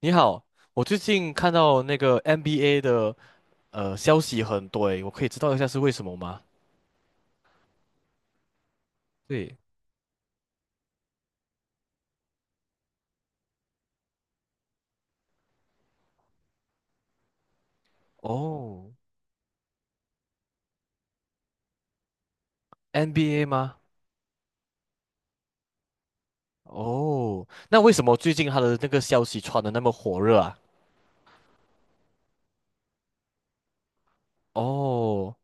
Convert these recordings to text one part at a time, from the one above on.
你好，我最近看到那个 NBA 的消息很多诶，我可以知道一下是为什么吗？对，哦，NBA 吗？哦，那为什么最近他的那个消息传的那么火热啊？哦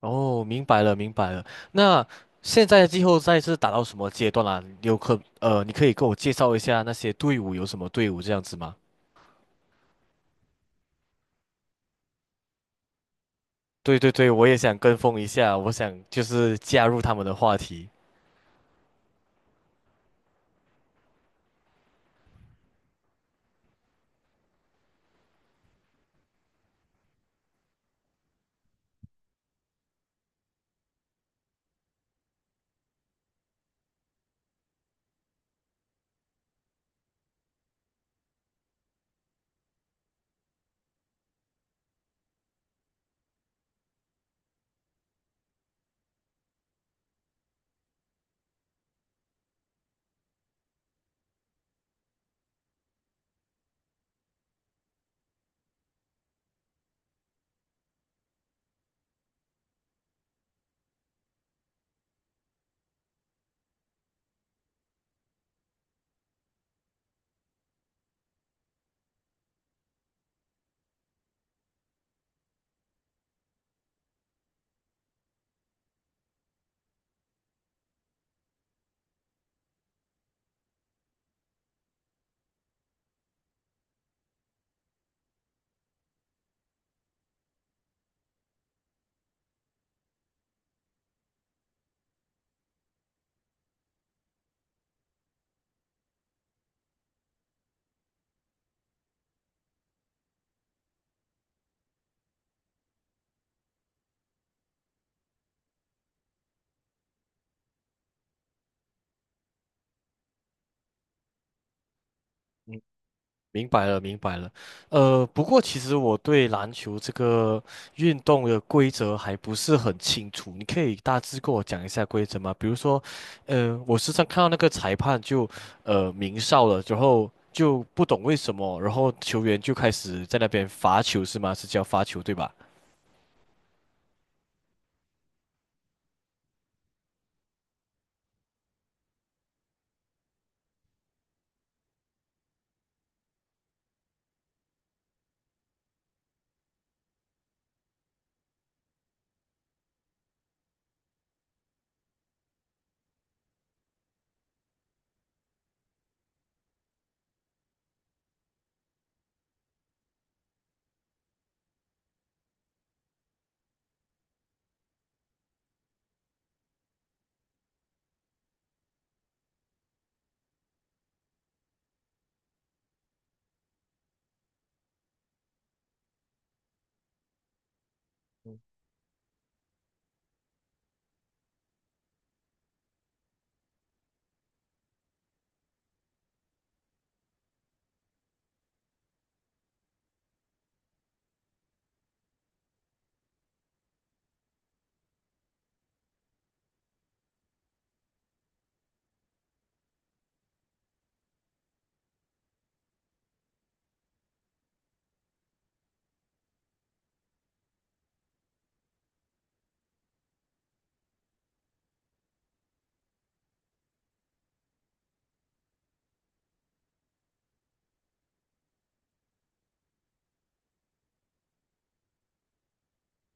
哦，明白了明白了。那现在的季后赛是打到什么阶段啦、你可以给我介绍一下那些队伍有什么队伍这样子吗？对对对，我也想跟风一下，我想就是加入他们的话题。明白了，明白了。不过其实我对篮球这个运动的规则还不是很清楚，你可以大致跟我讲一下规则吗？比如说，我时常看到那个裁判就鸣哨了，然后就不懂为什么，然后球员就开始在那边罚球是吗？是叫罚球对吧？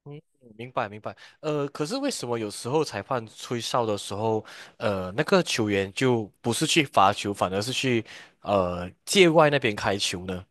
嗯，明白明白。可是为什么有时候裁判吹哨的时候，那个球员就不是去罚球，反而是去界外那边开球呢？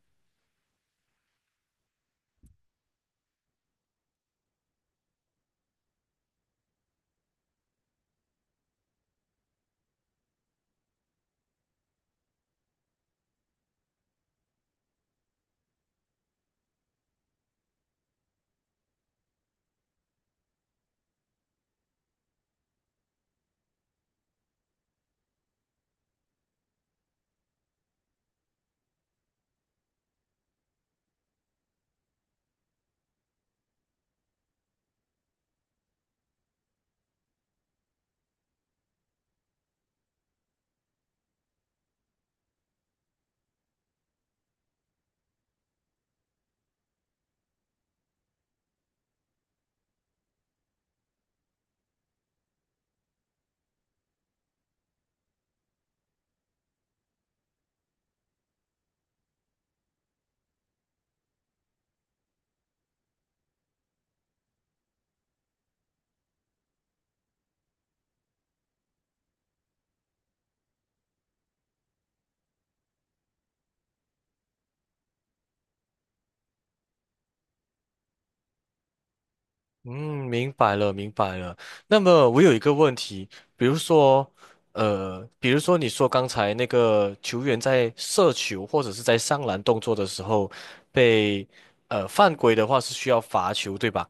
嗯，明白了，明白了。那么我有一个问题，比如说，比如说你说刚才那个球员在射球或者是在上篮动作的时候被犯规的话是需要罚球，对吧？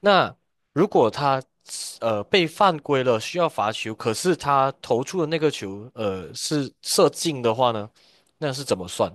那如果他被犯规了需要罚球，可是他投出的那个球是射进的话呢，那是怎么算？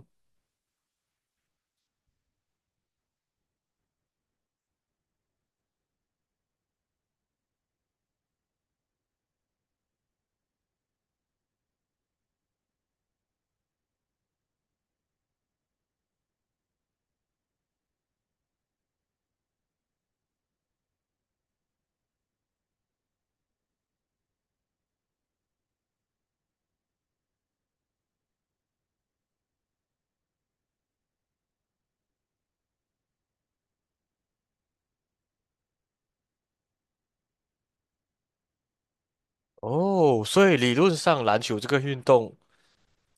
哦，所以理论上篮球这个运动。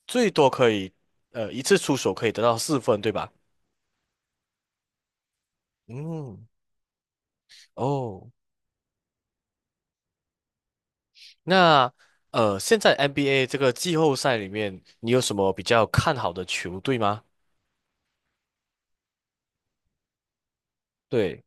最多可以一次出手可以得到4分，对吧？嗯，哦，那现在 NBA 这个季后赛里面，你有什么比较看好的球队吗？对，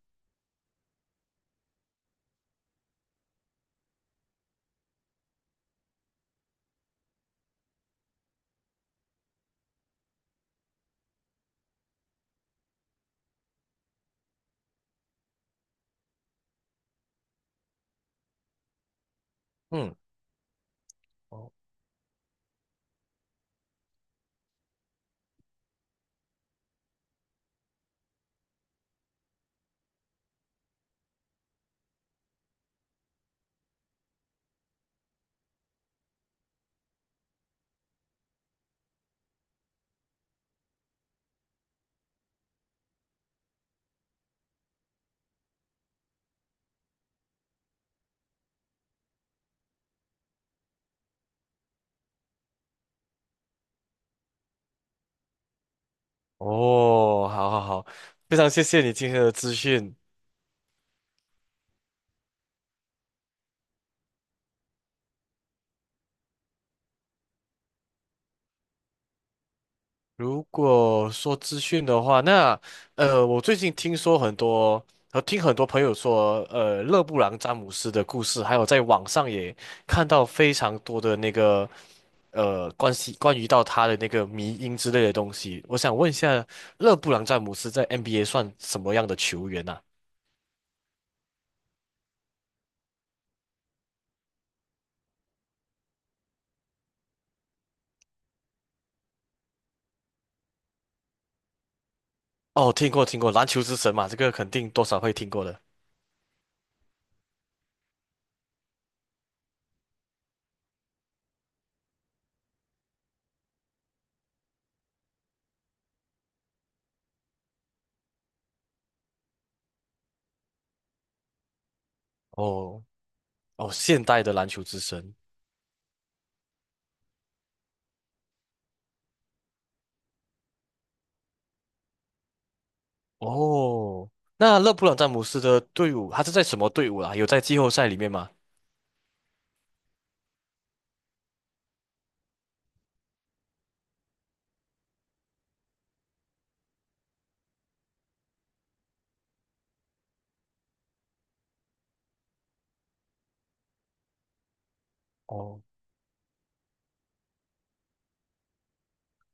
嗯，哦，哦好好好，非常谢谢你今天的资讯。如果说资讯的话，那我最近听说很多，听很多朋友说，勒布朗詹姆斯的故事，还有在网上也看到非常多的那个关于到他的那个迷因之类的东西。我想问一下，勒布朗詹姆斯在 NBA 算什么样的球员呢？哦，听过听过，篮球之神嘛，这个肯定多少会听过的。哦哦，现代的篮球之神。哦，那勒布朗詹姆斯的队伍，他是在什么队伍啊？有在季后赛里面吗？哦，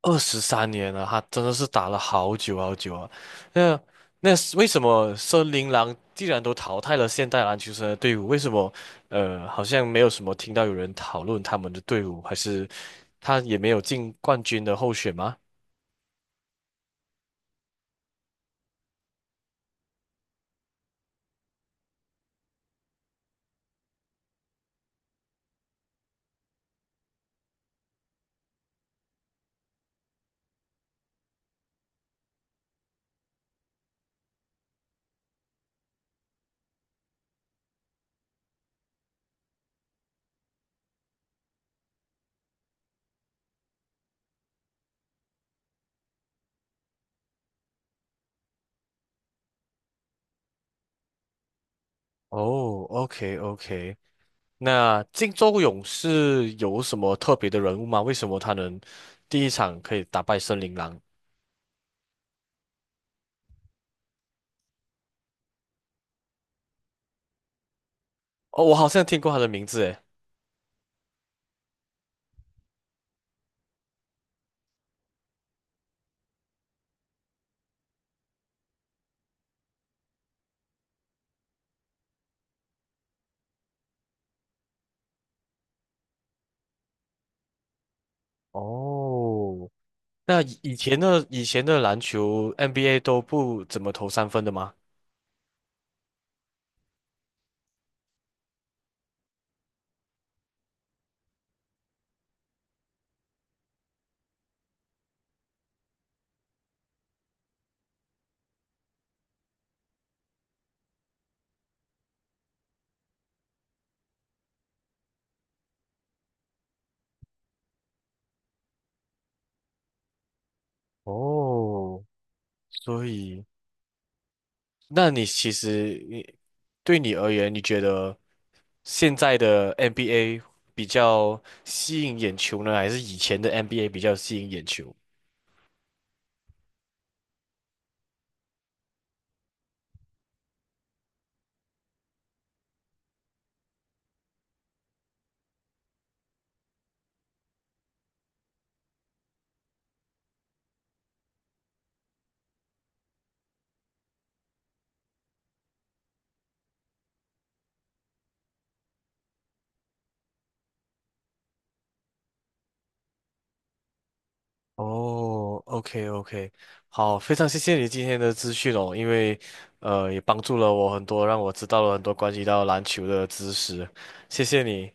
23年了，他真的是打了好久好久啊。那那是为什么森林狼既然都淘汰了现代篮球生的队伍，为什么好像没有什么听到有人讨论他们的队伍，还是他也没有进冠军的候选吗？哦，OK OK，那金州勇士有什么特别的人物吗？为什么他能第一场可以打败森林狼？哦，我好像听过他的名字诶。哦那以前的篮球 NBA 都不怎么投三分的吗？哦，所以，那你其实你对你而言，你觉得现在的 NBA 比较吸引眼球呢，还是以前的 NBA 比较吸引眼球？哦，OK OK，好，非常谢谢你今天的资讯哦，因为也帮助了我很多，让我知道了很多关于到篮球的知识，谢谢你。